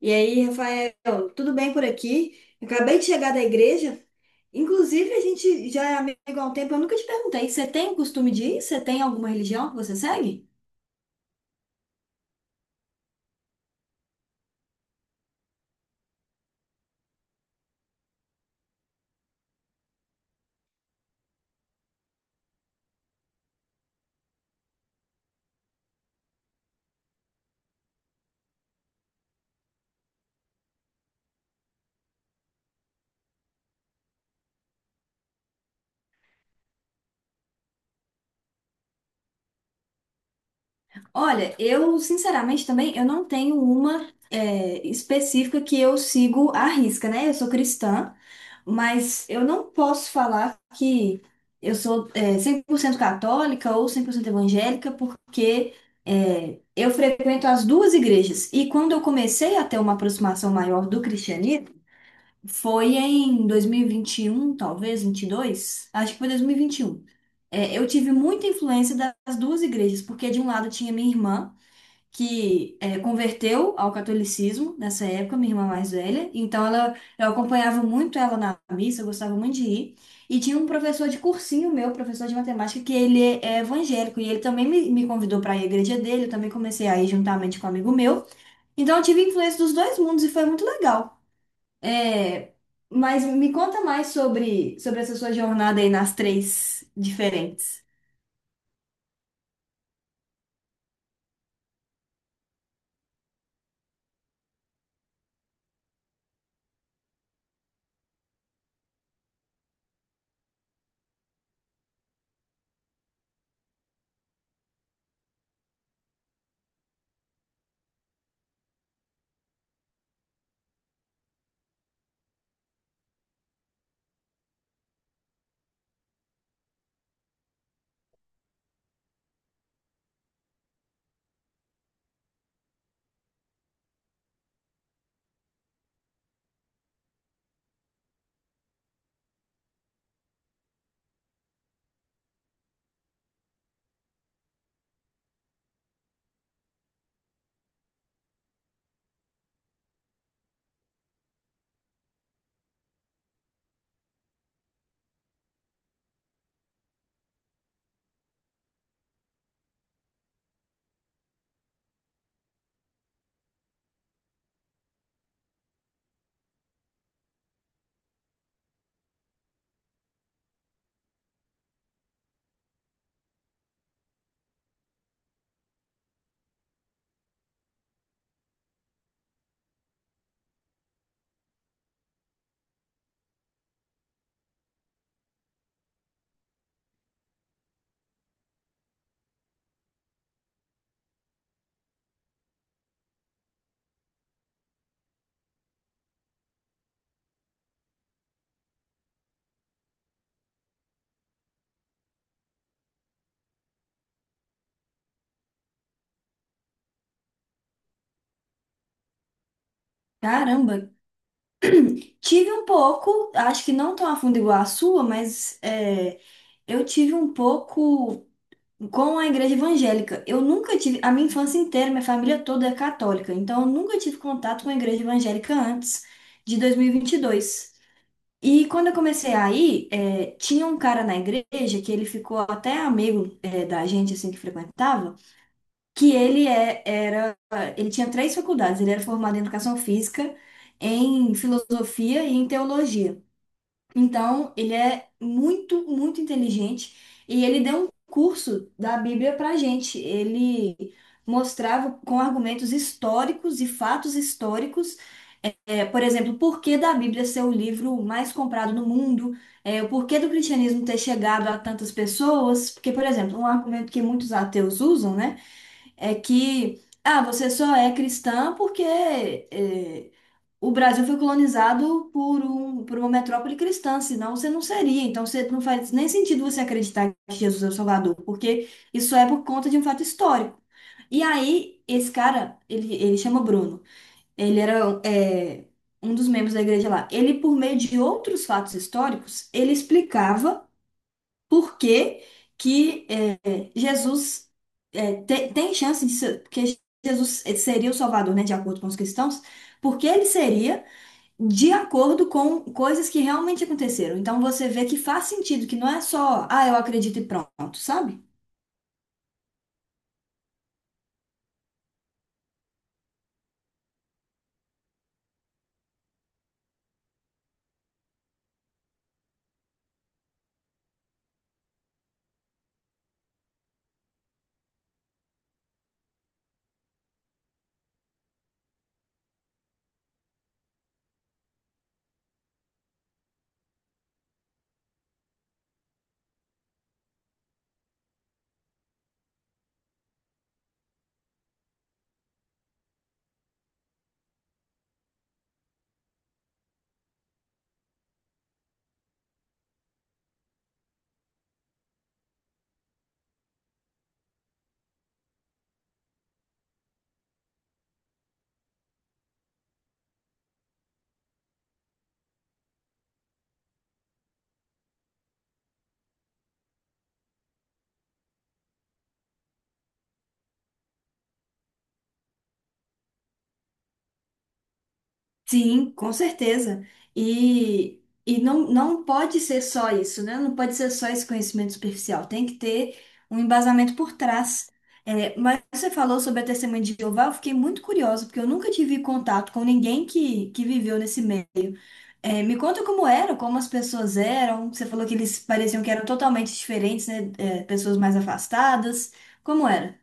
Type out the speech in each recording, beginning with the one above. E aí, Rafael, tudo bem por aqui? Eu Acabei de chegar da igreja. Inclusive, a gente já é amigo há um tempo. Eu nunca te perguntei, você tem o costume de ir? Você tem alguma religião que você segue? Olha, eu sinceramente também eu não tenho uma específica que eu sigo à risca, né? Eu sou cristã, mas eu não posso falar que eu sou 100% católica ou 100% evangélica, porque eu frequento as duas igrejas. E quando eu comecei a ter uma aproximação maior do cristianismo, foi em dois mil e vinte e um, talvez 22. Acho que foi 2021. É, eu tive muita influência das duas igrejas, porque de um lado tinha minha irmã que converteu ao catolicismo nessa época, minha irmã mais velha. Então ela, eu acompanhava muito ela na missa, eu gostava muito de ir. E tinha um professor de cursinho meu, professor de matemática, que ele é evangélico e ele também me convidou para ir à igreja dele. Eu também comecei a ir juntamente com um amigo meu. Então eu tive influência dos dois mundos e foi muito legal. É, mas me conta mais sobre essa sua jornada aí nas três diferentes. Caramba, tive um pouco, acho que não tão a fundo igual a sua, mas é, eu tive um pouco com a igreja evangélica. Eu nunca tive, a minha infância inteira, minha família toda é católica, então eu nunca tive contato com a igreja evangélica antes de 2022. E vinte e dois. E quando eu comecei a ir, é, tinha um cara na igreja que ele ficou até amigo da gente assim que frequentava, que ele era, ele tinha três faculdades, ele era formado em educação física, em filosofia e em teologia. Então, ele é muito inteligente e ele deu um curso da Bíblia para gente. Ele mostrava com argumentos históricos e fatos históricos, é, por exemplo, o porquê da Bíblia ser o livro mais comprado no mundo, é, o porquê do cristianismo ter chegado a tantas pessoas. Porque, por exemplo, um argumento que muitos ateus usam, né? É que ah, você só é cristã porque eh, o Brasil foi colonizado por uma metrópole cristã, senão você não seria. Então você não faz nem sentido você acreditar que Jesus é o Salvador, porque isso é por conta de um fato histórico. E aí, esse cara, ele chama Bruno. Ele era um dos membros da igreja lá. Ele, por meio de outros fatos históricos, ele explicava por que Jesus tem chance de ser, porque Jesus seria o Salvador, né, de acordo com os cristãos, porque ele seria de acordo com coisas que realmente aconteceram. Então você vê que faz sentido, que não é só, ah, eu acredito e pronto, sabe? Sim, com certeza. E não, não pode ser só isso, né? Não pode ser só esse conhecimento superficial. Tem que ter um embasamento por trás. É, mas você falou sobre a testemunha de Jeová, eu fiquei muito curiosa, porque eu nunca tive contato com ninguém que viveu nesse meio. É, me conta como era, como as pessoas eram. Você falou que eles pareciam que eram totalmente diferentes, né? É, pessoas mais afastadas. Como era?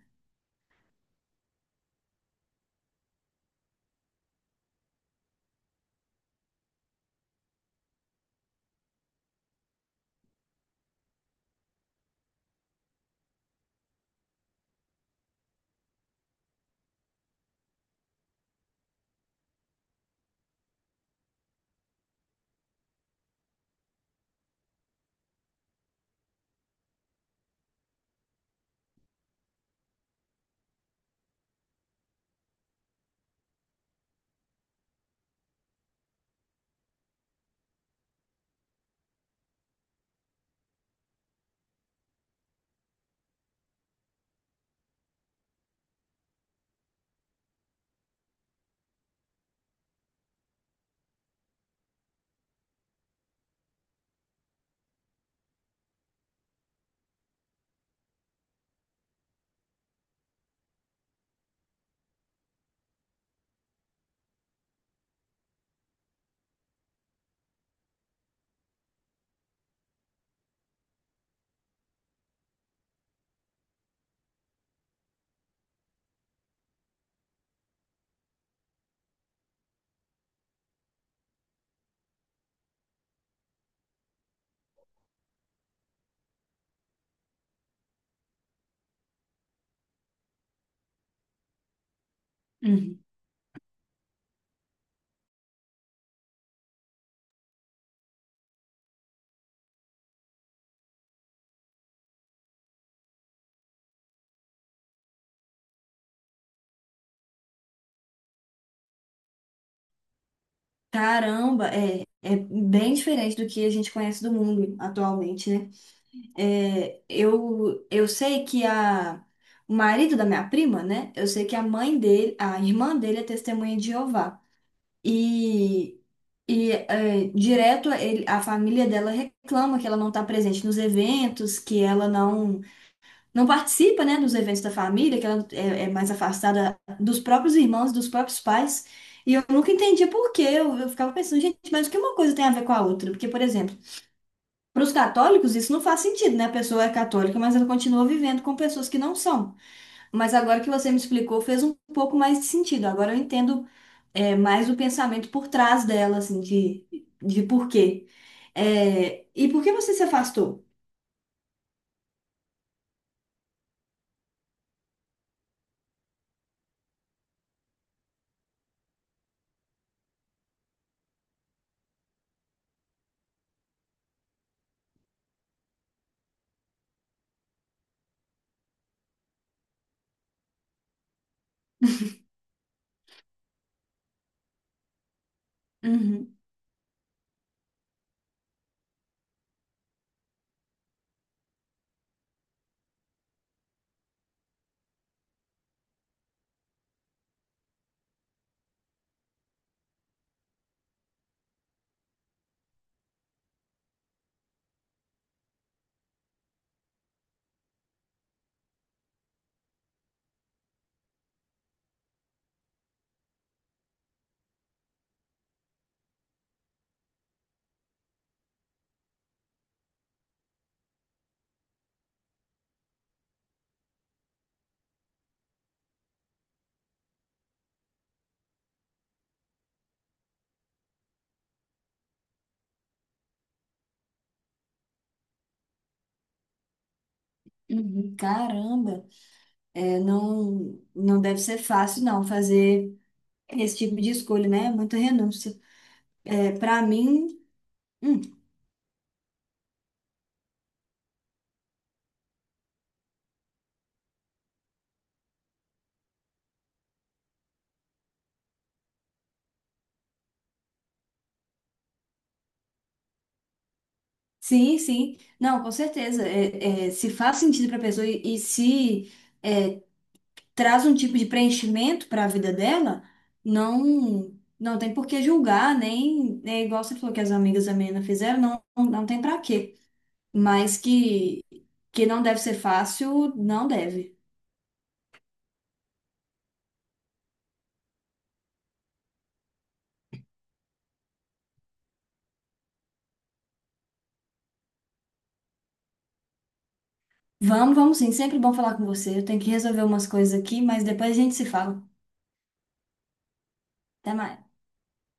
Uhum. Caramba, é, é bem diferente do que a gente conhece do mundo atualmente, né? É, eu sei que a, o marido da minha prima, né? Eu sei que a mãe dele, a irmã dele é testemunha de Jeová. E, e é, direto a família dela reclama que ela não está presente nos eventos, que ela não, não participa, né, dos eventos da família, que ela é mais afastada dos próprios irmãos, dos próprios pais. E eu nunca entendi por quê. Eu ficava pensando, gente, mas o que uma coisa tem a ver com a outra? Porque, por exemplo, para os católicos, isso não faz sentido, né? A pessoa é católica, mas ela continua vivendo com pessoas que não são. Mas agora que você me explicou, fez um pouco mais de sentido. Agora eu entendo, é, mais o pensamento por trás dela, assim, de porquê. É, e por que você se afastou? Uhum, uhum. Caramba, é, não, não deve ser fácil, não, fazer esse tipo de escolha, né? Muita renúncia. É, para mim. Hum. Sim, sim. Não, com certeza. Se faz sentido para a pessoa e se é, traz um tipo de preenchimento para a vida dela, não não tem por que julgar, nem é igual você falou que as amigas da menina fizeram, não, não, não tem para quê. Mas que, que não deve ser fácil, não deve. Vamos, vamos sim. Sempre bom falar com você. Eu tenho que resolver umas coisas aqui, mas depois a gente se fala. Até mais.